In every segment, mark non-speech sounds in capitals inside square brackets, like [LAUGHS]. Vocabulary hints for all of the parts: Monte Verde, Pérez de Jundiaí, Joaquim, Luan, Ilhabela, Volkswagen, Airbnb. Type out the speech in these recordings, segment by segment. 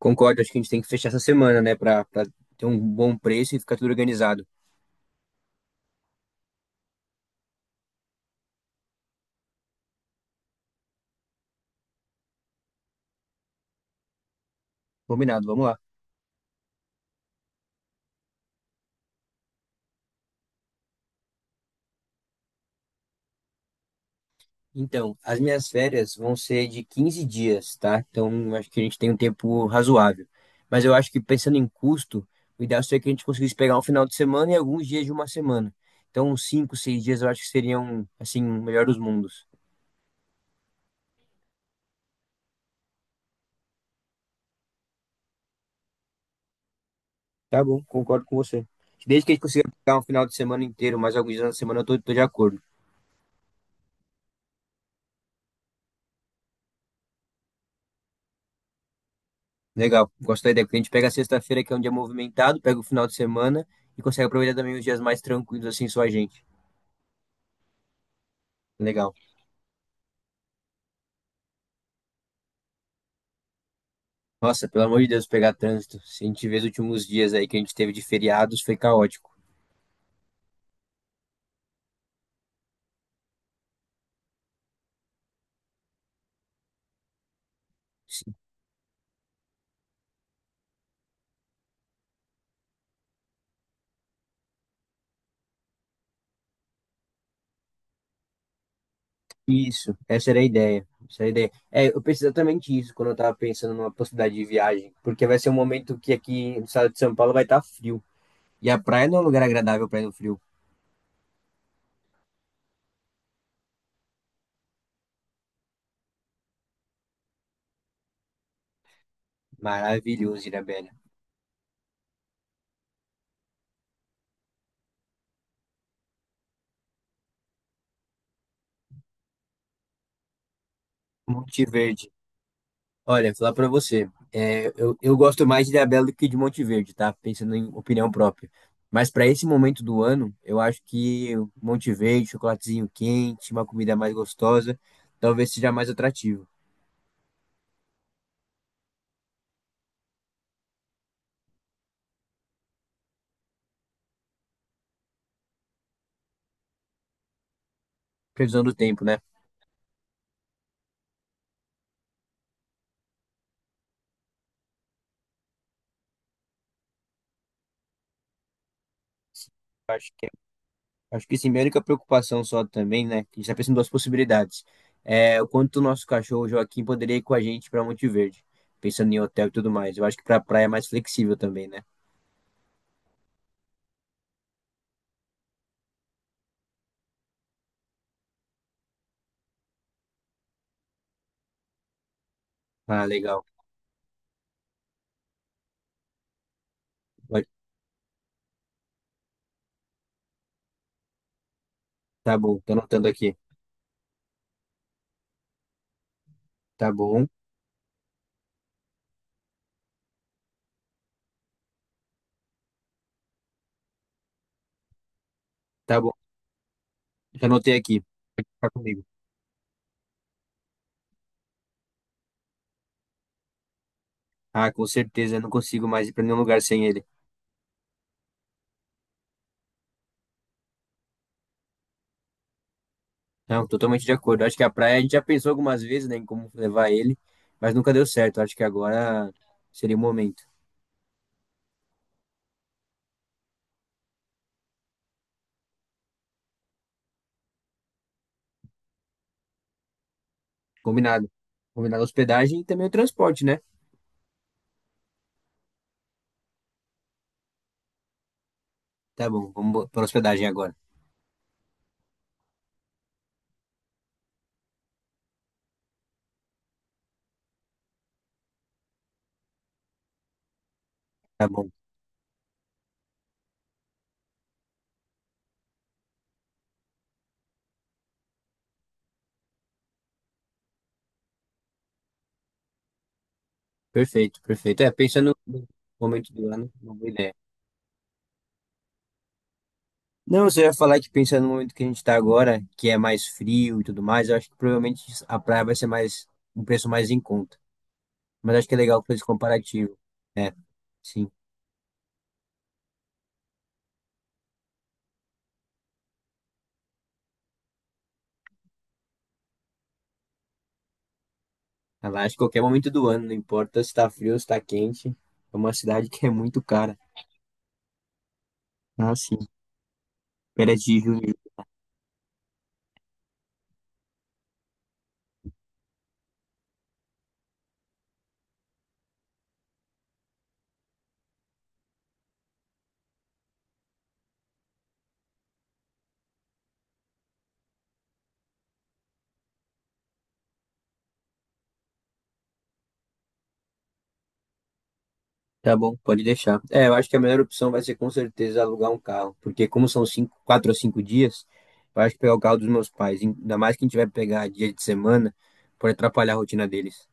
Concordo, acho que a gente tem que fechar essa semana, né, pra ter um bom preço e ficar tudo organizado. Combinado, vamos lá. Então, as minhas férias vão ser de 15 dias, tá? Então, acho que a gente tem um tempo razoável. Mas eu acho que pensando em custo, o ideal seria que a gente conseguisse pegar um final de semana e alguns dias de uma semana. Então, uns 5, 6 dias eu acho que seriam, assim, o melhor dos mundos. Tá bom, concordo com você. Desde que a gente consiga pegar um final de semana inteiro, mais alguns dias na semana, eu tô de acordo. Legal, gosto da ideia, porque a gente pega a sexta-feira, que é um dia movimentado, pega o final de semana e consegue aproveitar também os dias mais tranquilos, assim, só a gente. Legal. Nossa, pelo amor de Deus, pegar trânsito. Se a gente vê os últimos dias aí que a gente teve de feriados, foi caótico. Sim. Isso, essa era a ideia. Essa era a ideia. É, eu pensei exatamente isso quando eu tava pensando numa possibilidade de viagem, porque vai ser um momento que aqui no estado de São Paulo vai estar frio. E a praia não é um lugar agradável para ir no frio. Maravilhoso, Ilhabela. Monte Verde. Olha, falar pra você, é, eu gosto mais de Ilhabela do que de Monte Verde, tá? Pensando em opinião própria. Mas para esse momento do ano, eu acho que Monte Verde, chocolatezinho quente, uma comida mais gostosa, talvez seja mais atrativo. Previsão do tempo, né? Acho que, acho que sim, minha única preocupação só também, né? Que a gente tá pensando em duas possibilidades. É o quanto o nosso cachorro Joaquim poderia ir com a gente para Monte Verde, pensando em hotel e tudo mais. Eu acho que pra praia é mais flexível também, né? Ah, legal. Vai- Tá bom, tô anotando aqui. Tá bom. Tá bom, já anotei aqui, tá comigo. Ah, com certeza, eu não consigo mais ir pra nenhum lugar sem ele. Não, totalmente de acordo. Acho que a praia a gente já pensou algumas vezes, né, em como levar ele, mas nunca deu certo. Acho que agora seria o momento. Combinado. Combinado a hospedagem e também o transporte, né? Tá bom, vamos para hospedagem agora. Tá bom, perfeito, perfeito. É, pensando no momento do ano, uma boa ideia. Não, você ia falar que pensando no momento que a gente está agora, que é mais frio e tudo mais, eu acho que provavelmente a praia vai ser mais, um preço mais em conta. Mas acho que é legal fazer esse comparativo. É, sim. Ela acha que qualquer momento do ano, não importa se tá frio ou se tá quente, é uma cidade [LAUGHS] que é muito cara. Ah, sim. Pérez de Jundiaí. Tá bom, pode deixar. É, eu acho que a melhor opção vai ser com certeza alugar um carro, porque como são 5, 4 ou 5 dias, eu acho que pegar o carro dos meus pais, ainda mais que a gente vai pegar dia de semana, pode atrapalhar a rotina deles.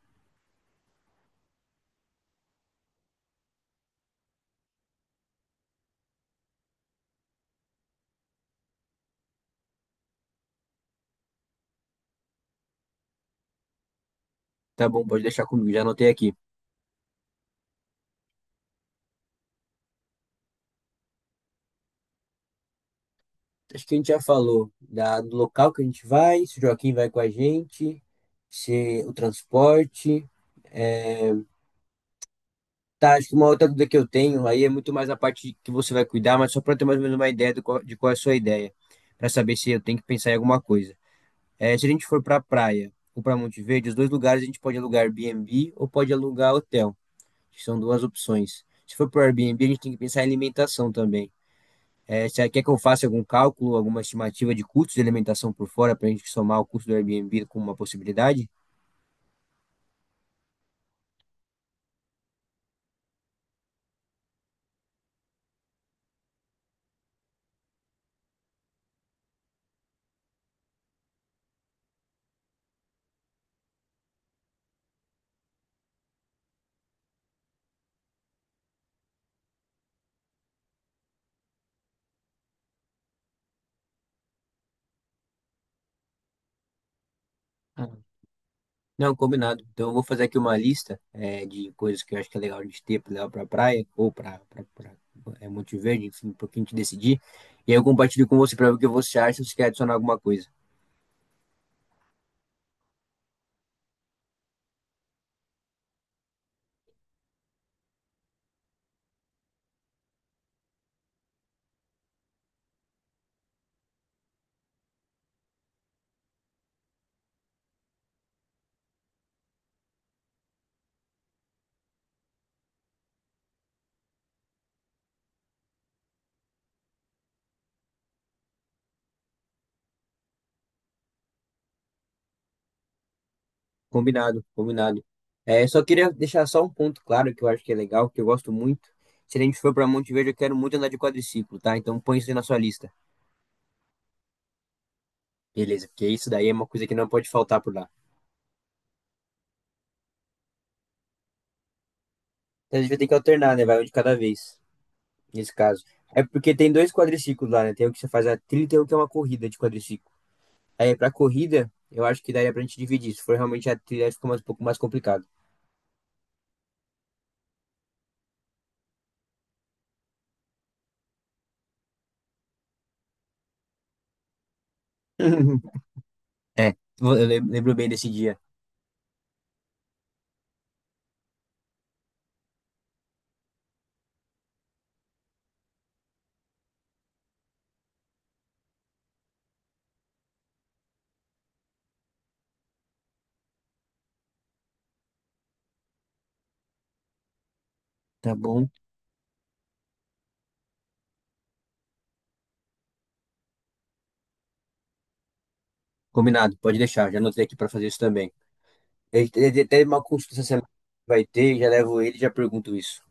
Tá bom, pode deixar comigo, já anotei aqui. Acho que a gente já falou da, do local que a gente vai, se o Joaquim vai com a gente, se o transporte. é, Tá, acho que uma outra dúvida que eu tenho aí é muito mais a parte que você vai cuidar, mas só para ter mais ou menos uma ideia do qual- de qual é a sua ideia, para saber se eu tenho que pensar em alguma coisa. É, se a gente for para a praia ou para Monte Verde, os dois lugares a gente pode alugar Airbnb ou pode alugar hotel, que são duas opções. Se for para Airbnb, a gente tem que pensar em alimentação também. É, você quer que eu faça algum cálculo, alguma estimativa de custos de alimentação por fora para a gente somar o custo do Airbnb com uma possibilidade? Ah, não, combinado. Então eu vou fazer aqui uma lista é, de coisas que eu acho que é legal a gente ter para levar para a praia ou para Monte Verde, enfim, para que a gente decidir. E aí eu compartilho com você para ver o que você acha, se você quer adicionar alguma coisa. Combinado, combinado. É, só queria deixar só um ponto claro que eu acho que é legal, que eu gosto muito. Se a gente for para Monte Verde, eu quero muito andar de quadriciclo, tá? Então põe isso aí na sua lista. Beleza, porque isso daí é uma coisa que não pode faltar por lá. Então a gente vai ter que alternar, né? Vai um de cada vez, nesse caso. É porque tem dois quadriciclos lá, né? Tem o que você faz a trilha e tem o que é uma corrida de quadriciclo. Aí pra corrida, eu acho que daria pra gente dividir. Se for realmente a trilha, fica mais, um pouco mais complicado. [LAUGHS] É, eu lembro bem desse dia. Tá bom. Combinado, pode deixar. Já anotei aqui pra fazer isso também. Até uma consulta essa semana que vai ter, já levo ele e já pergunto isso.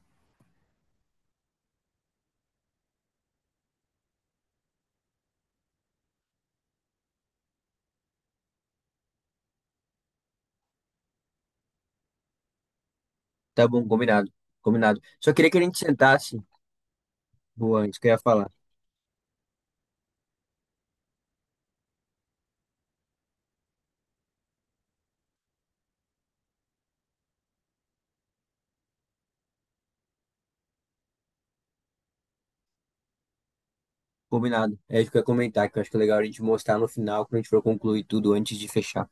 Tá bom, combinado. Combinado. Só queria que a gente sentasse, Luan, isso que eu ia falar. Combinado. É isso que eu ia comentar, que eu acho que é legal a gente mostrar no final, quando a gente for concluir tudo antes de fechar.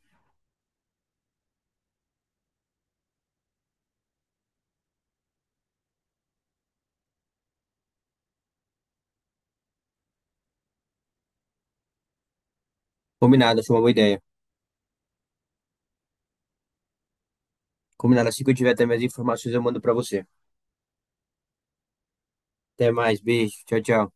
Combinado, achei uma boa ideia. Combinado, assim que eu tiver até minhas informações, eu mando pra você. Até mais, beijo, tchau, tchau.